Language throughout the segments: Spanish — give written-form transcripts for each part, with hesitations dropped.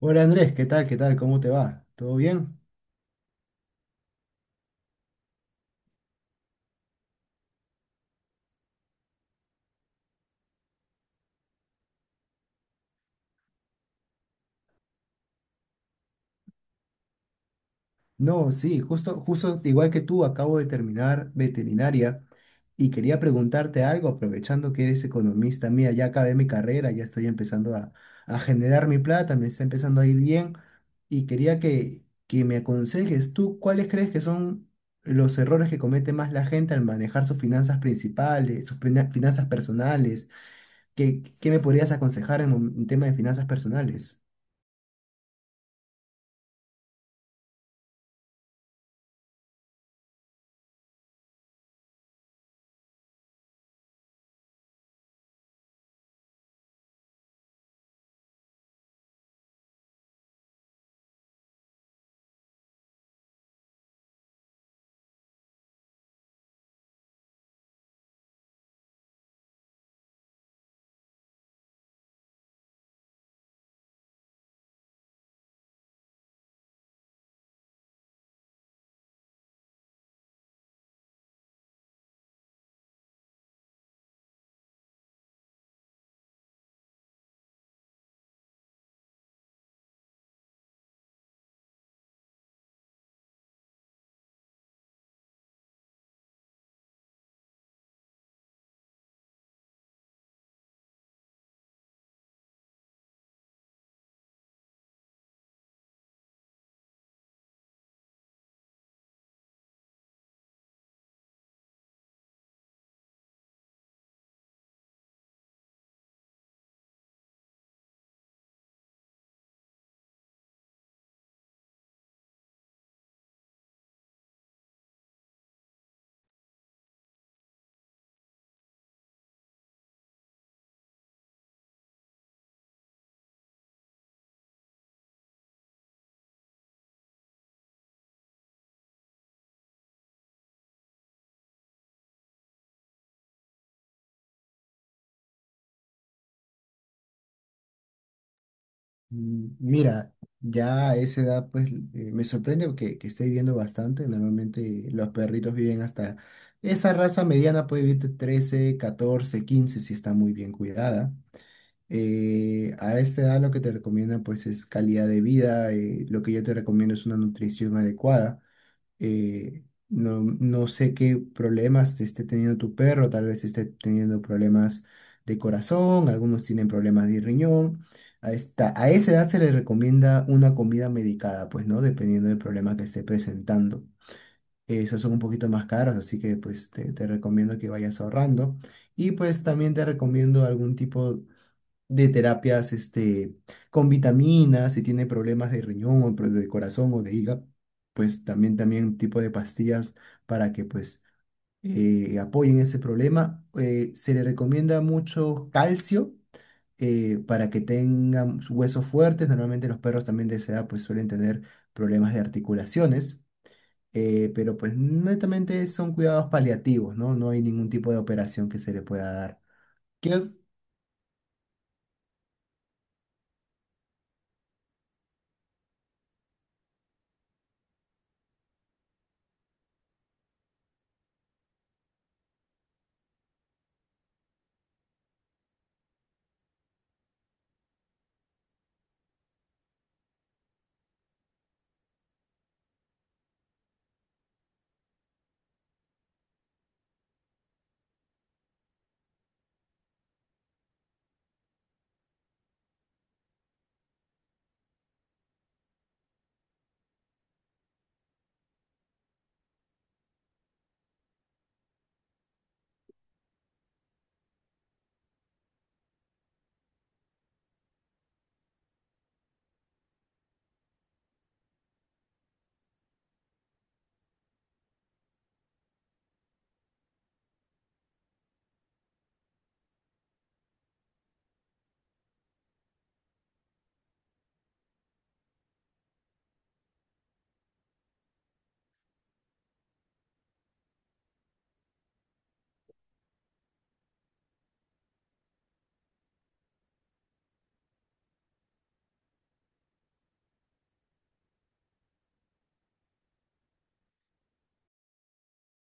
Hola Andrés, ¿qué tal? ¿Cómo te va? ¿Todo bien? No, sí, justo igual que tú, acabo de terminar veterinaria y quería preguntarte algo, aprovechando que eres economista mía, ya acabé mi carrera, ya estoy empezando a generar mi plata, me está empezando a ir bien y quería que me aconsejes tú, ¿cuáles crees que son los errores que comete más la gente al manejar sus finanzas principales, sus finanzas personales? ¿Qué me podrías aconsejar en un en tema de finanzas personales? Mm, Mira, ya a esa edad pues me sorprende porque que esté viviendo bastante. Normalmente los perritos viven hasta esa raza mediana, puede vivir de 13, 14, 15 si está muy bien cuidada. A esta edad lo que te recomienda pues es calidad de vida. Lo que yo te recomiendo es una nutrición adecuada. eh, no sé qué problemas esté teniendo tu perro, tal vez esté teniendo problemas de corazón, algunos tienen problemas de riñón. A esa edad se le recomienda una comida medicada, pues, ¿no? Dependiendo del problema que esté presentando. Esas son un poquito más caras, así que pues te recomiendo que vayas ahorrando. Y pues también te recomiendo algún tipo de terapias este, con vitaminas, si tiene problemas de riñón o de corazón o de hígado, pues también, también tipo de pastillas para que pues apoyen ese problema. Se le recomienda mucho calcio para que tengan sus huesos fuertes. Normalmente los perros también de esa edad pues suelen tener problemas de articulaciones. Pero pues netamente son cuidados paliativos, ¿no? No hay ningún tipo de operación que se le pueda dar. ¿Qué-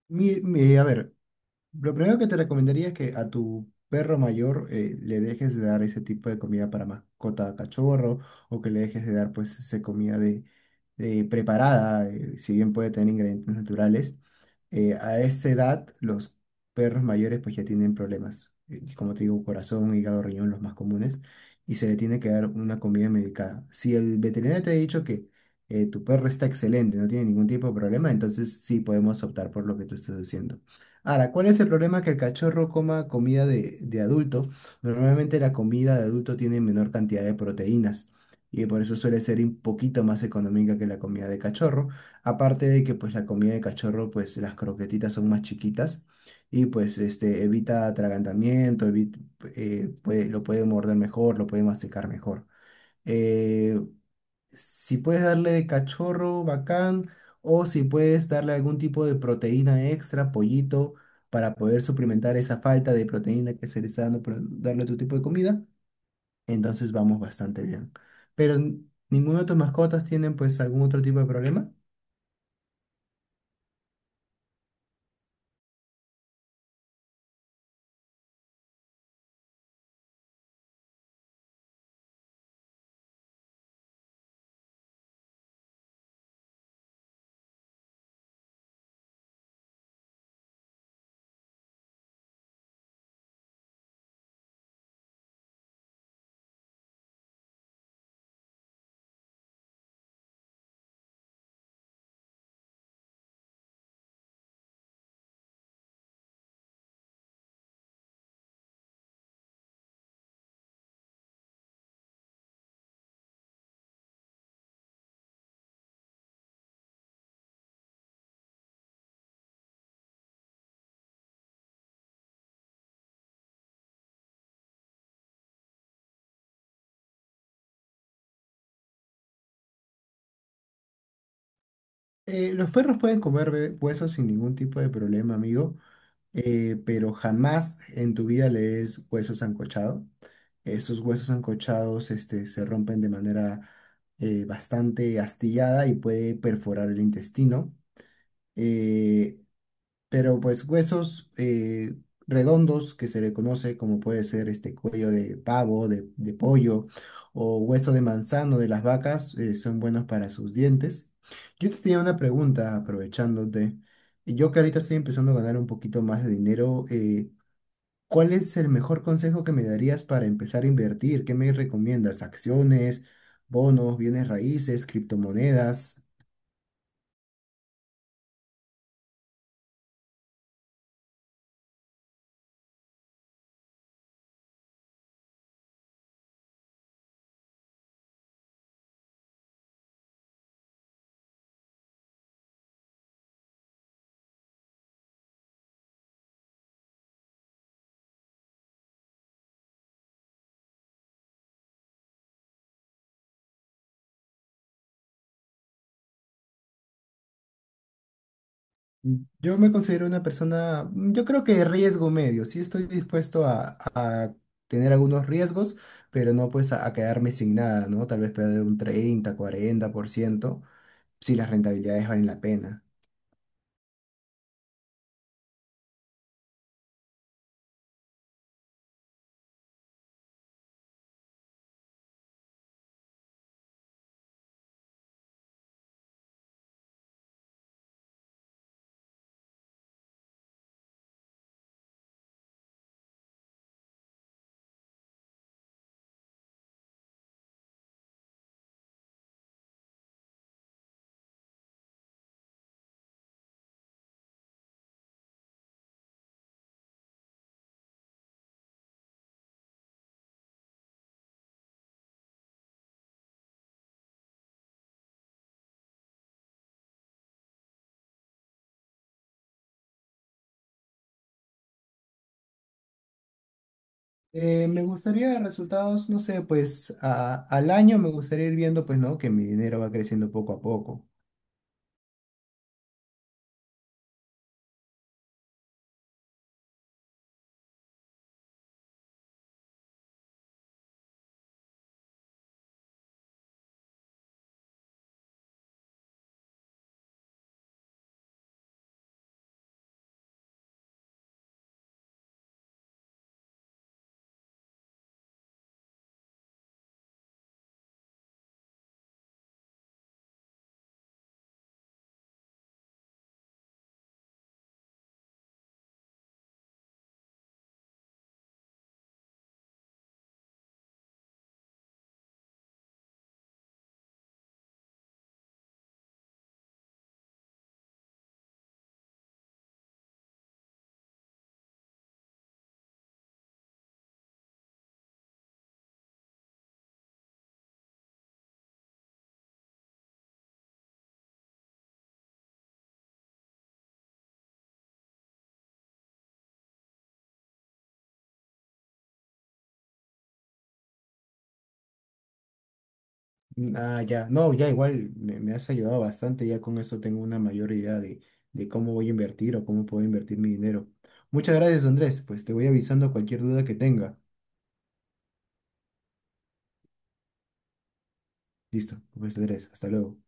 a ver, lo primero que te recomendaría es que a tu perro mayor le dejes de dar ese tipo de comida para mascota cachorro, o que le dejes de dar pues esa comida de preparada, si bien puede tener ingredientes naturales. A esa edad los perros mayores pues ya tienen problemas, como te digo, corazón, hígado, riñón, los más comunes, y se le tiene que dar una comida medicada. Si el veterinario te ha dicho que tu perro está excelente, no tiene ningún tipo de problema, entonces sí podemos optar por lo que tú estás haciendo. Ahora, ¿cuál es el problema que el cachorro coma comida de adulto? Normalmente la comida de adulto tiene menor cantidad de proteínas y por eso suele ser un poquito más económica que la comida de cachorro. Aparte de que pues la comida de cachorro, pues las croquetitas son más chiquitas y pues este, evita atragantamiento, lo puede morder mejor, lo puede masticar mejor. Eh, si puedes darle de cachorro, bacán, o si puedes darle algún tipo de proteína extra, pollito, para poder suplementar esa falta de proteína que se le está dando por darle otro tipo de comida, entonces vamos bastante bien. Pero ninguna de tus mascotas tienen pues algún otro tipo de problema. Los perros pueden comer huesos sin ningún tipo de problema, amigo. Pero jamás en tu vida lees huesos sancochado. Esos huesos sancochados este, se rompen de manera bastante astillada y puede perforar el intestino. Eh, pero pues huesos redondos que se le conoce como puede ser este cuello de pavo, de pollo o hueso de manzano de las vacas son buenos para sus dientes. Yo te tenía una pregunta aprovechándote. Yo que ahorita estoy empezando a ganar un poquito más de dinero, ¿cuál es el mejor consejo que me darías para empezar a invertir? ¿Qué me recomiendas? ¿Acciones, bonos, bienes raíces, criptomonedas? Yo me considero una persona, mm, yo creo que de riesgo medio, sí estoy dispuesto a tener algunos riesgos, pero no pues a quedarme sin nada, ¿no? Tal vez perder un 30, 40%, si las rentabilidades valen la pena. Me gustaría resultados, no sé, pues al año me gustaría ir viendo pues, ¿no? Que mi dinero va creciendo poco a poco. Ah, ya, no, ya igual me has ayudado bastante, ya con eso tengo una mayor idea de cómo voy a invertir o cómo puedo invertir mi dinero. Muchas gracias, Andrés, pues te voy avisando cualquier duda que tenga. Listo, pues Andrés, hasta luego.